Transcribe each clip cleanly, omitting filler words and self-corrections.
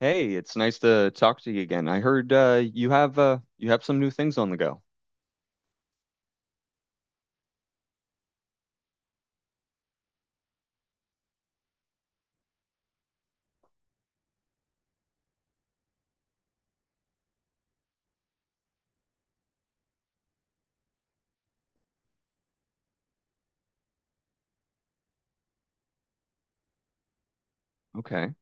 Hey, it's nice to talk to you again. I heard you have some new things on the go. Okay.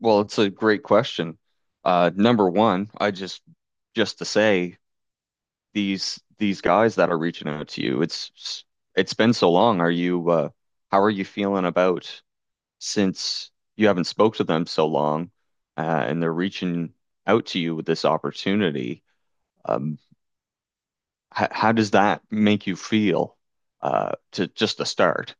Well, it's a great question. Number one, I just to say these guys that are reaching out to you, it's been so long. Are you how are you feeling about since you haven't spoke to them so long, and they're reaching out to you with this opportunity? Um, how does that make you feel to just to start?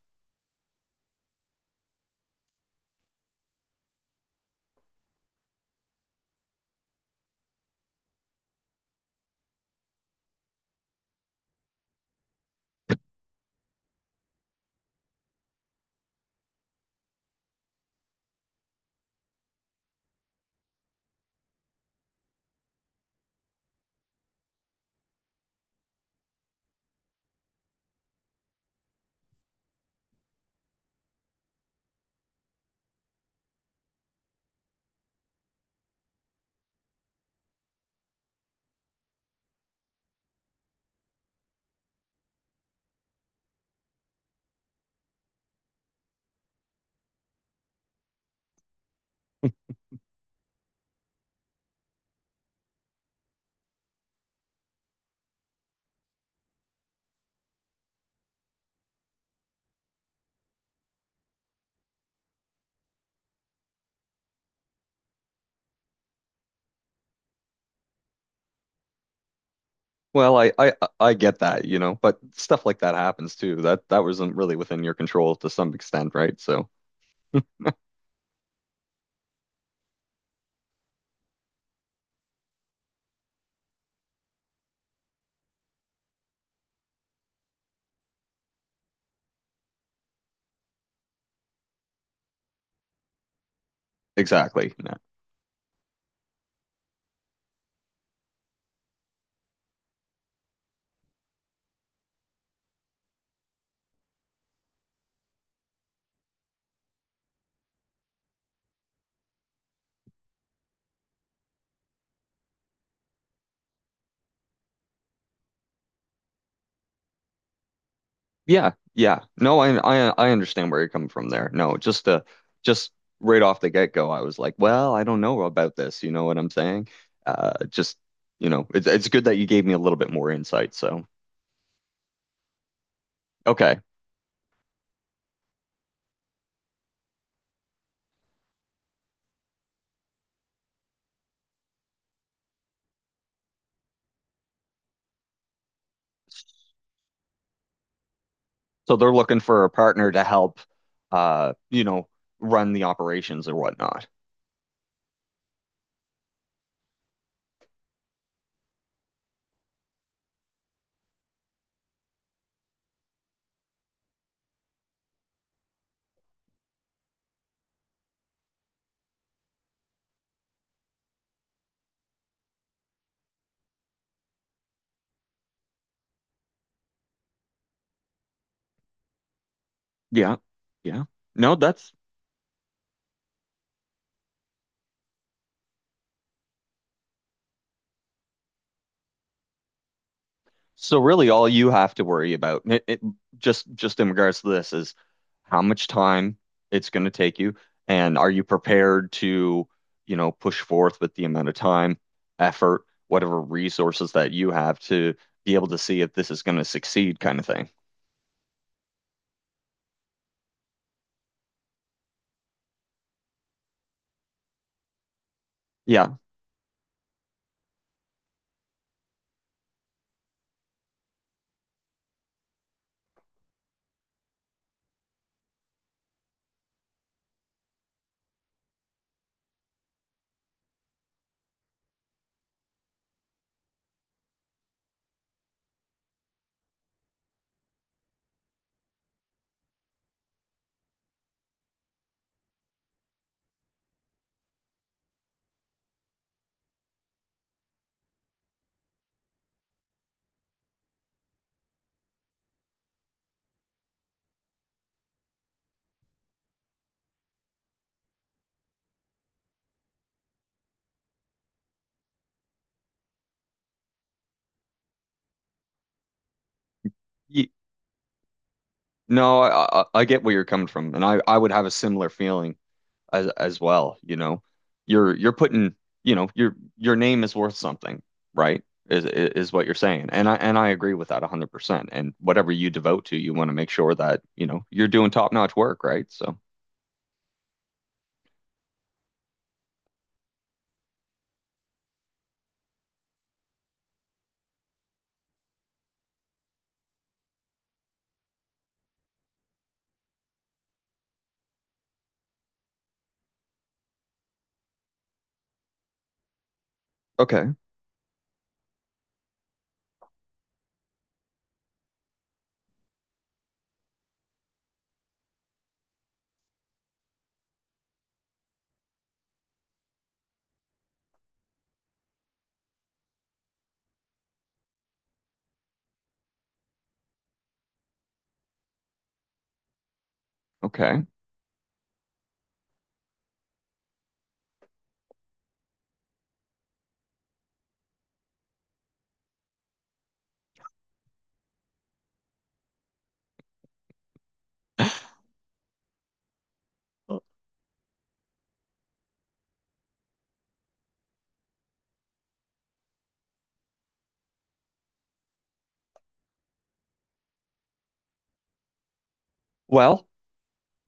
Well, I I get that, you know, but stuff like that happens too. That wasn't really within your control to some extent, right? So exactly. Yeah, yeah, yeah. No, I I understand where you're coming from there. No, just right off the get-go, I was like, well, I don't know about this, you know what I'm saying? Uh just, you know, it's good that you gave me a little bit more insight. So okay. So they're looking for a partner to help you know, run the operations or whatnot. Yeah. Yeah. No, that's. So really, all you have to worry about, just in regards to this, is how much time it's going to take you, and are you prepared to, you know, push forth with the amount of time, effort, whatever resources that you have to be able to see if this is going to succeed, kind of thing. Yeah. Ye- no, I I get where you're coming from, and I would have a similar feeling as well, you know. You're putting, you know, your name is worth something, right? Is what you're saying. And I agree with that 100%. And whatever you devote to, you want to make sure that, you know, you're doing top-notch work, right? So, okay. Okay. Well,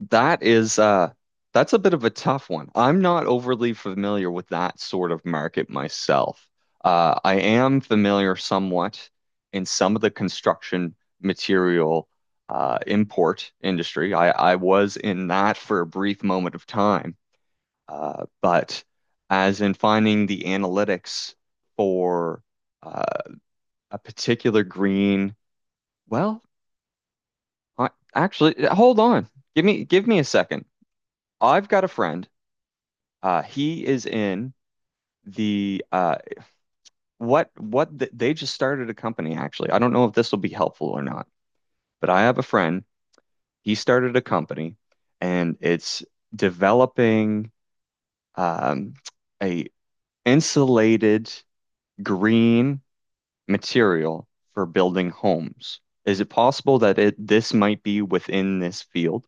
that is that's a bit of a tough one. I'm not overly familiar with that sort of market myself. I am familiar somewhat in some of the construction material import industry. I was in that for a brief moment of time, but as in finding the analytics for uh, a particular green, well, I, actually, hold on. Give me a second. I've got a friend. He is in the they just started a company actually. I don't know if this will be helpful or not, but I have a friend. He started a company, and it's developing um, a insulated green material for building homes. Is it possible that it this might be within this field?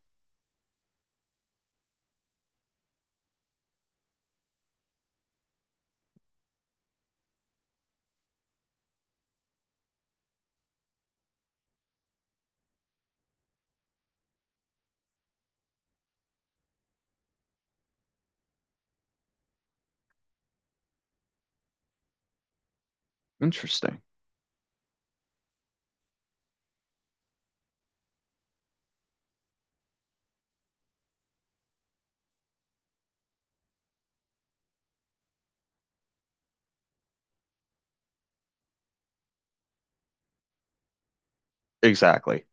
Interesting. Exactly.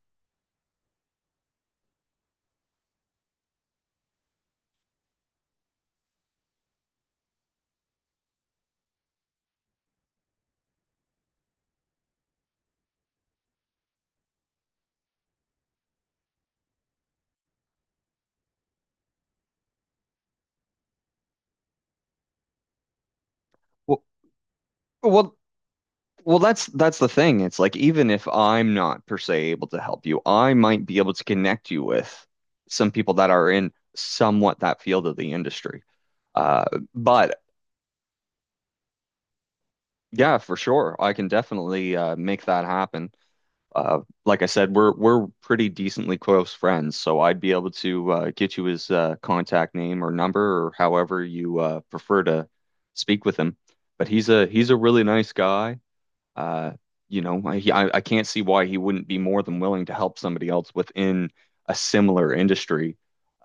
Well, well, Well, that's the thing. It's like even if I'm not per se able to help you, I might be able to connect you with some people that are in somewhat that field of the industry. Uh, but Yeah, for sure, I can definitely make that happen. Like I said, we're pretty decently close friends, so I'd be able to get you his contact name or number or however you prefer to speak with him. But he's a really nice guy. Uh, I can't see why he wouldn't be more than willing to help somebody else within a similar industry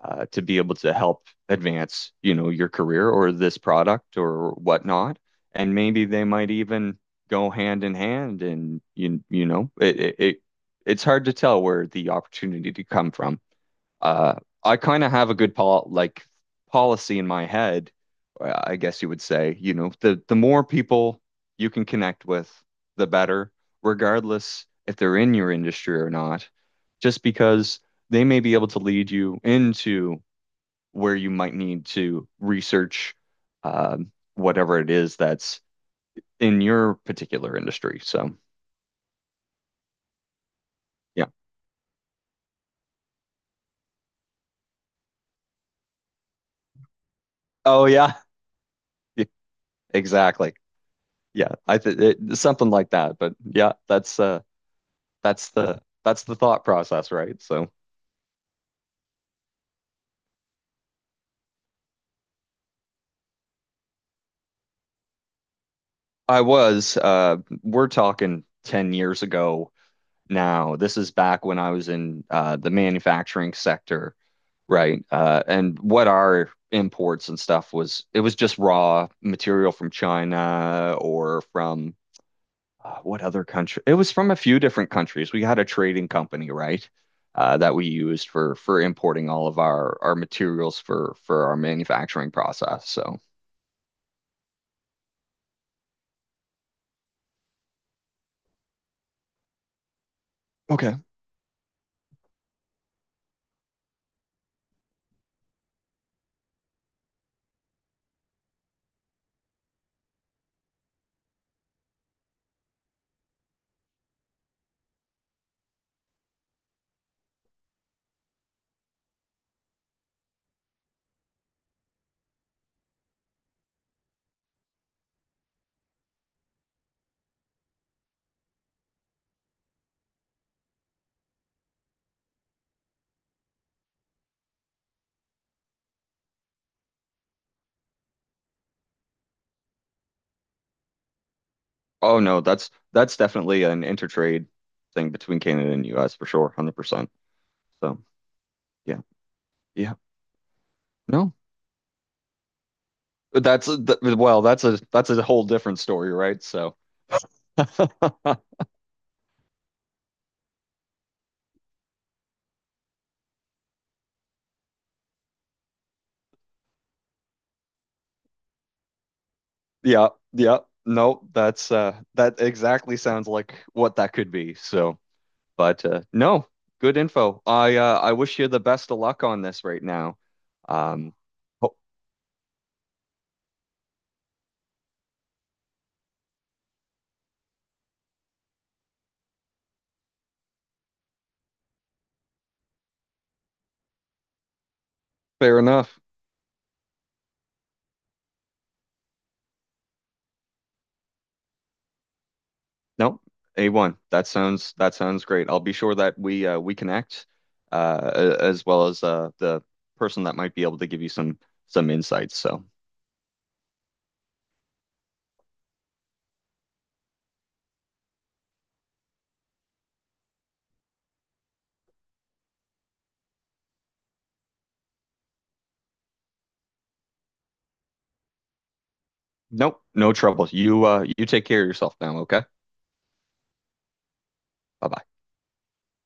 to be able to help advance, you know, your career or this product or whatnot. And maybe they might even go hand in hand. And you know, it's hard to tell where the opportunity to come from. Uh, I kind of have a good pol like policy in my head, I guess you would say, you know, the more people you can connect with, the better, regardless if they're in your industry or not, just because they may be able to lead you into where you might need to research whatever it is that's in your particular industry. So, yeah. Oh, yeah. Yeah, exactly. Yeah, I think something like that. But yeah, that's that's the thought process, right? So I was we're talking 10 years ago now. This is back when I was in the manufacturing sector, right? Uh, and what our imports and stuff was it was just raw material from China or from what other country? It was from a few different countries. We had a trading company, right? That we used for importing all of our materials for our manufacturing process. So okay. Oh no, that's definitely an intertrade thing between Canada and US for sure, 100%. So, yeah. Yeah. No. But That's a, th well, that's a whole different story, right? So, yeah. Yeah. No, that's that exactly sounds like what that could be. So, but no, good info. I wish you the best of luck on this right now. Um, ho- Fair enough. No, A1. That sounds great. I'll be sure that we connect uh, as well as the person that might be able to give you some insights. So, nope, no trouble. You you take care of yourself now, okay? Bye-bye.